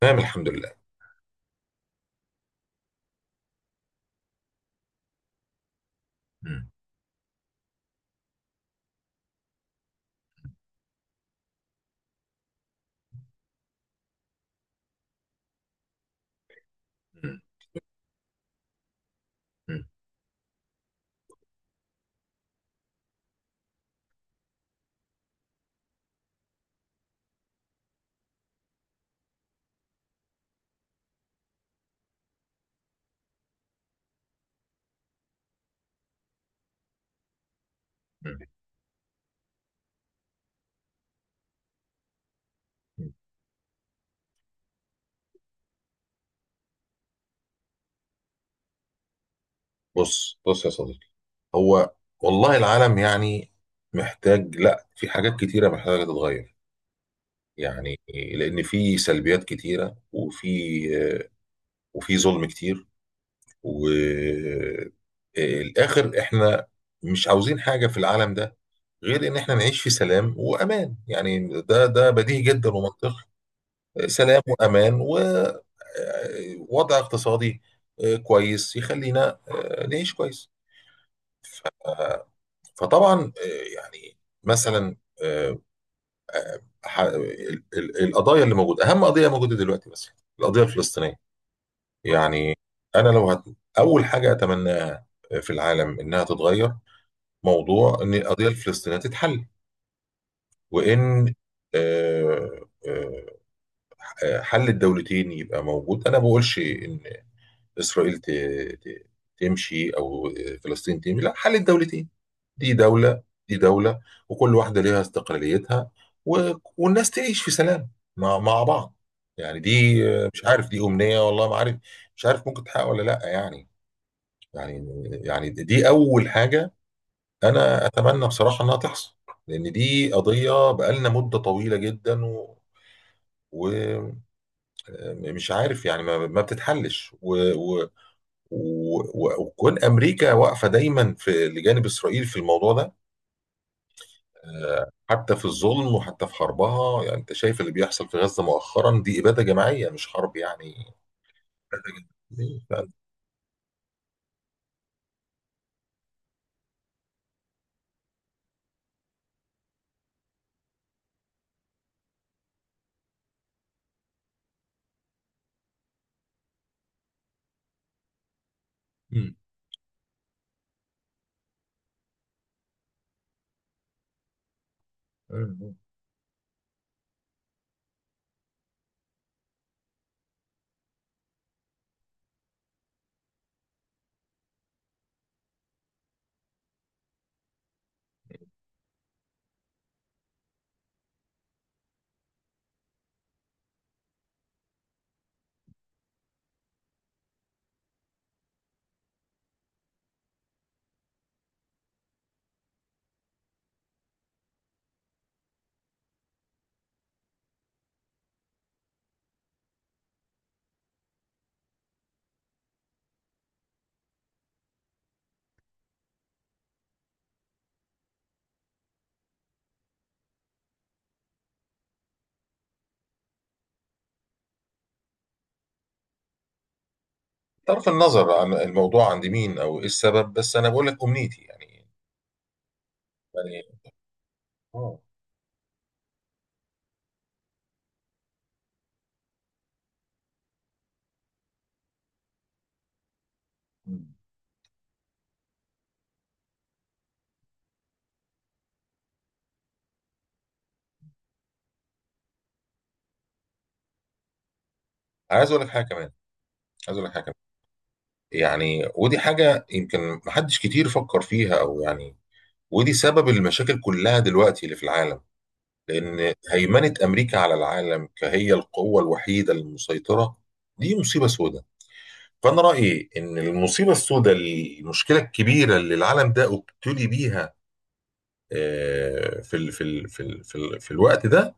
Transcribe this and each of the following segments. تمام الحمد لله. م- م- م. بص يا صديقي، هو والله العالم يعني محتاج، لا في حاجات كتيرة محتاجة تتغير يعني. لأن في سلبيات كتيرة وفي ظلم كتير والآخر، احنا مش عاوزين حاجة في العالم ده غير إن احنا نعيش في سلام وأمان. يعني ده بديهي جدا ومنطقي. سلام وأمان ووضع اقتصادي كويس يخلينا نعيش كويس. فطبعا يعني مثلا، آه، القضايا اللي موجوده، اهم قضيه موجوده دلوقتي مثلا القضيه الفلسطينيه يعني. انا لو اول حاجه اتمناها في العالم انها تتغير، موضوع ان القضيه الفلسطينيه تتحل وان آه، آه، حل الدولتين يبقى موجود. انا ما بقولش ان إسرائيل ت... تمشي أو فلسطين تمشي، لا، حل الدولتين. دي دولة دي دولة وكل واحدة ليها استقلاليتها و والناس تعيش في سلام مع بعض يعني. دي، مش عارف، دي أمنية والله، ما عارف مش عارف ممكن تحقق ولا لا يعني. يعني يعني دي أول حاجة أنا أتمنى بصراحة إنها تحصل، لأن دي قضية بقالنا مدة طويلة جدا ومش عارف يعني، ما بتتحلش وكون امريكا واقفه دايما في لجانب اسرائيل في الموضوع ده، حتى في الظلم وحتى في حربها. يعني انت شايف اللي بيحصل في غزه مؤخرا، دي اباده جماعيه مش حرب يعني. إبادة جماعية. مم. مم. طرف النظر عن الموضوع عند مين او ايه السبب، بس انا بقول لك امنيتي يعني يعني. اه. مم. عايز اقول لك حاجه كمان، عايز اقول لك حاجه كمان. يعني ودي حاجه يمكن محدش كتير فكر فيها، او يعني ودي سبب المشاكل كلها دلوقتي اللي في العالم، لأن هيمنة أمريكا على العالم كهي القوة الوحيدة المسيطرة دي مصيبة سوداء. فأنا رأيي إن المصيبة السوداء، المشكلة الكبيرة اللي العالم ده ابتلي بيها في الوقت ده،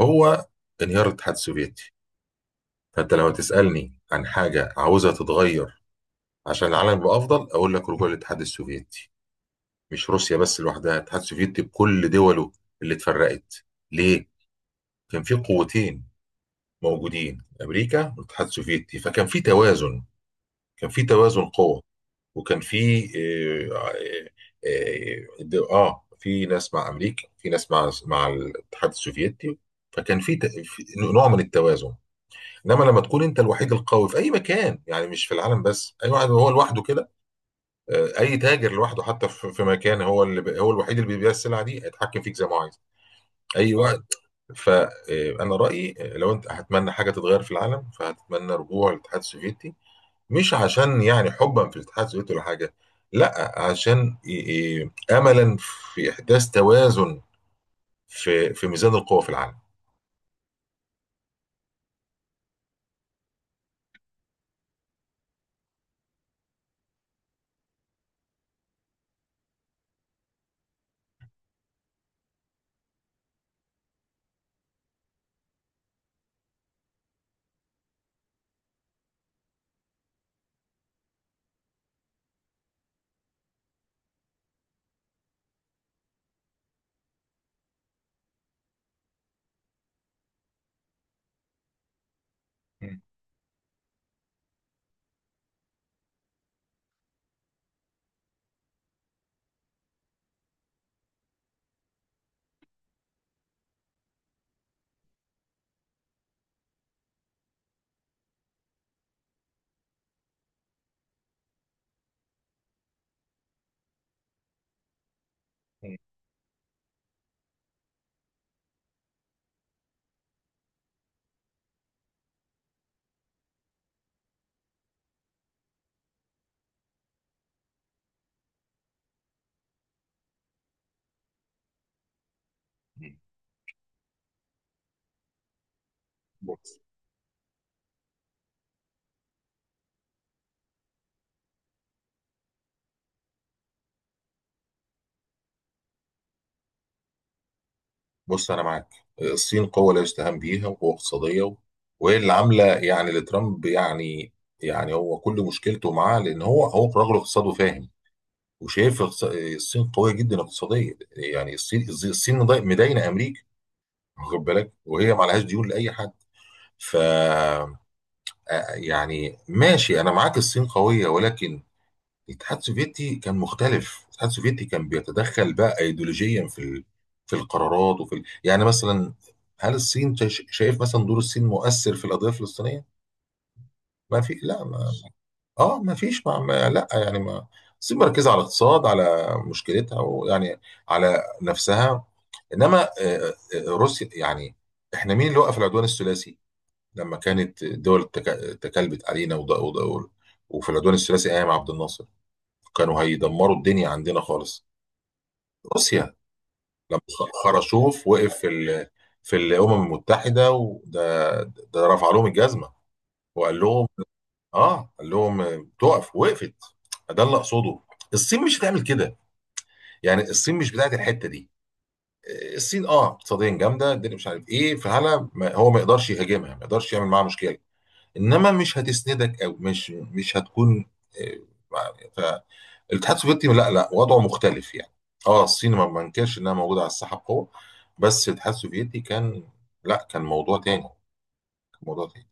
هو انهيار الاتحاد السوفيتي. فأنت لو تسألني عن حاجة عاوزها تتغير عشان العالم يبقى أفضل، أقول لك رجوع الاتحاد السوفيتي. مش روسيا بس لوحدها، الاتحاد السوفيتي بكل دوله اللي اتفرقت. ليه؟ كان في قوتين موجودين، امريكا والاتحاد السوفيتي، فكان في توازن، كان في توازن قوة. وكان في آه في ناس مع امريكا، في ناس مع الاتحاد السوفيتي، فكان في نوع من التوازن. انما لما تكون انت الوحيد القوي في اي مكان، يعني مش في العالم بس، اي واحد هو لوحده كده، اي تاجر لوحده حتى في مكان هو اللي هو الوحيد اللي بيبيع السلعه دي، هيتحكم فيك زي ما هو عايز. اي واحد. فانا رايي لو انت هتمنى حاجه تتغير في العالم، فهتتمنى رجوع الاتحاد السوفيتي. مش عشان يعني حبا في الاتحاد السوفيتي ولا حاجه، لا، عشان املا في احداث توازن في ميزان القوى في العالم. مم. مم. بص بص انا معاك، الصين قوه لا يستهان بيها وقوه اقتصاديه، و- وهي اللي عامله يعني لترامب يعني. يعني هو كل مشكلته معاه لان هو رجل اقتصاد وفاهم وشايف الصين قويه جدا اقتصاديا. يعني الصين مداينه امريكا، واخد بالك، وهي ما عليهاش ديون لاي حد. ف يعني ماشي انا معاك الصين قويه، ولكن الاتحاد السوفيتي كان مختلف. الاتحاد السوفيتي كان بيتدخل بقى ايديولوجيا في في القرارات وفي يعني مثلا، هل الصين شايف مثلا دور الصين مؤثر في القضيه الفلسطينيه؟ ما في لا، اه ما فيش، لا يعني ما. بس مركزه على الاقتصاد، على مشكلتها ويعني على نفسها. انما روسيا يعني، احنا مين اللي وقف العدوان الثلاثي لما كانت الدول تكلبت علينا وفي العدوان الثلاثي ايام عبد الناصر كانوا هيدمروا الدنيا عندنا خالص؟ روسيا. لما خرشوف وقف في في الامم المتحده، وده رفع لهم الجزمه وقال لهم، اه قال لهم تقف، وقفت. ده اللي اقصده. الصين مش هتعمل كده، يعني الصين مش بتاعت الحته دي. الصين اه اقتصاديا جامده الدنيا مش عارف ايه، فهلا هو ما يقدرش يهاجمها، ما يقدرش يعمل معاها مشكله، انما مش هتسندك او مش هتكون آه، مع- فالاتحاد السوفيتي لا، لا وضعه مختلف يعني. اه الصين ما بنكرش انها موجوده على الساحه بقوه، بس الاتحاد السوفيتي كان، لا كان موضوع تاني، كان موضوع تاني.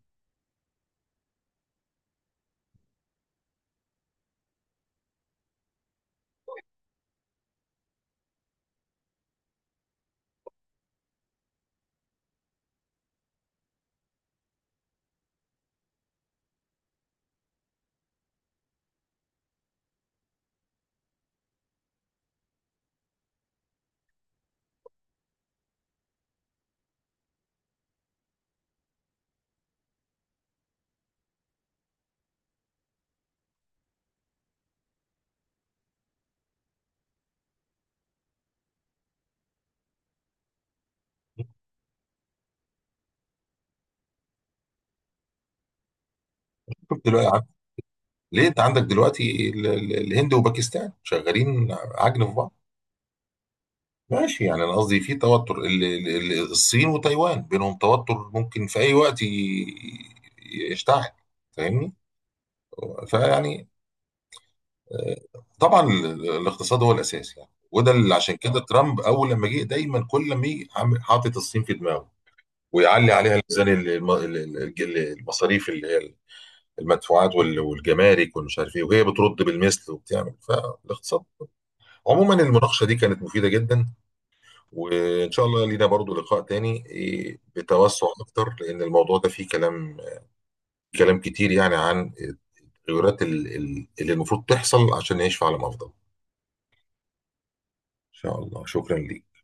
شوف دلوقتي، ليه انت عندك دلوقتي الهند وباكستان شغالين عجن في بعض؟ ماشي، يعني انا قصدي في توتر، الصين وتايوان بينهم توتر ممكن في اي وقت يشتعل. فاهمني؟ فيعني آه، طبعا الاقتصاد هو الاساس يعني. وده اللي عشان كده ترامب اول لما جه دايما، كل ما يجي حاطط الصين في دماغه، ويعلي عليها ميزان المصاريف اللي هي المدفوعات والجمارك والمش عارف ايه، وهي بترد بالمثل وبتعمل فالاقتصاد. عموما المناقشة دي كانت مفيدة جدا، وإن شاء الله لينا برضو لقاء تاني بتوسع أكتر، لأن الموضوع ده فيه كلام، كلام كتير يعني عن التغيرات اللي المفروض تحصل عشان نعيش في عالم أفضل. إن شاء الله. شكرا ليك.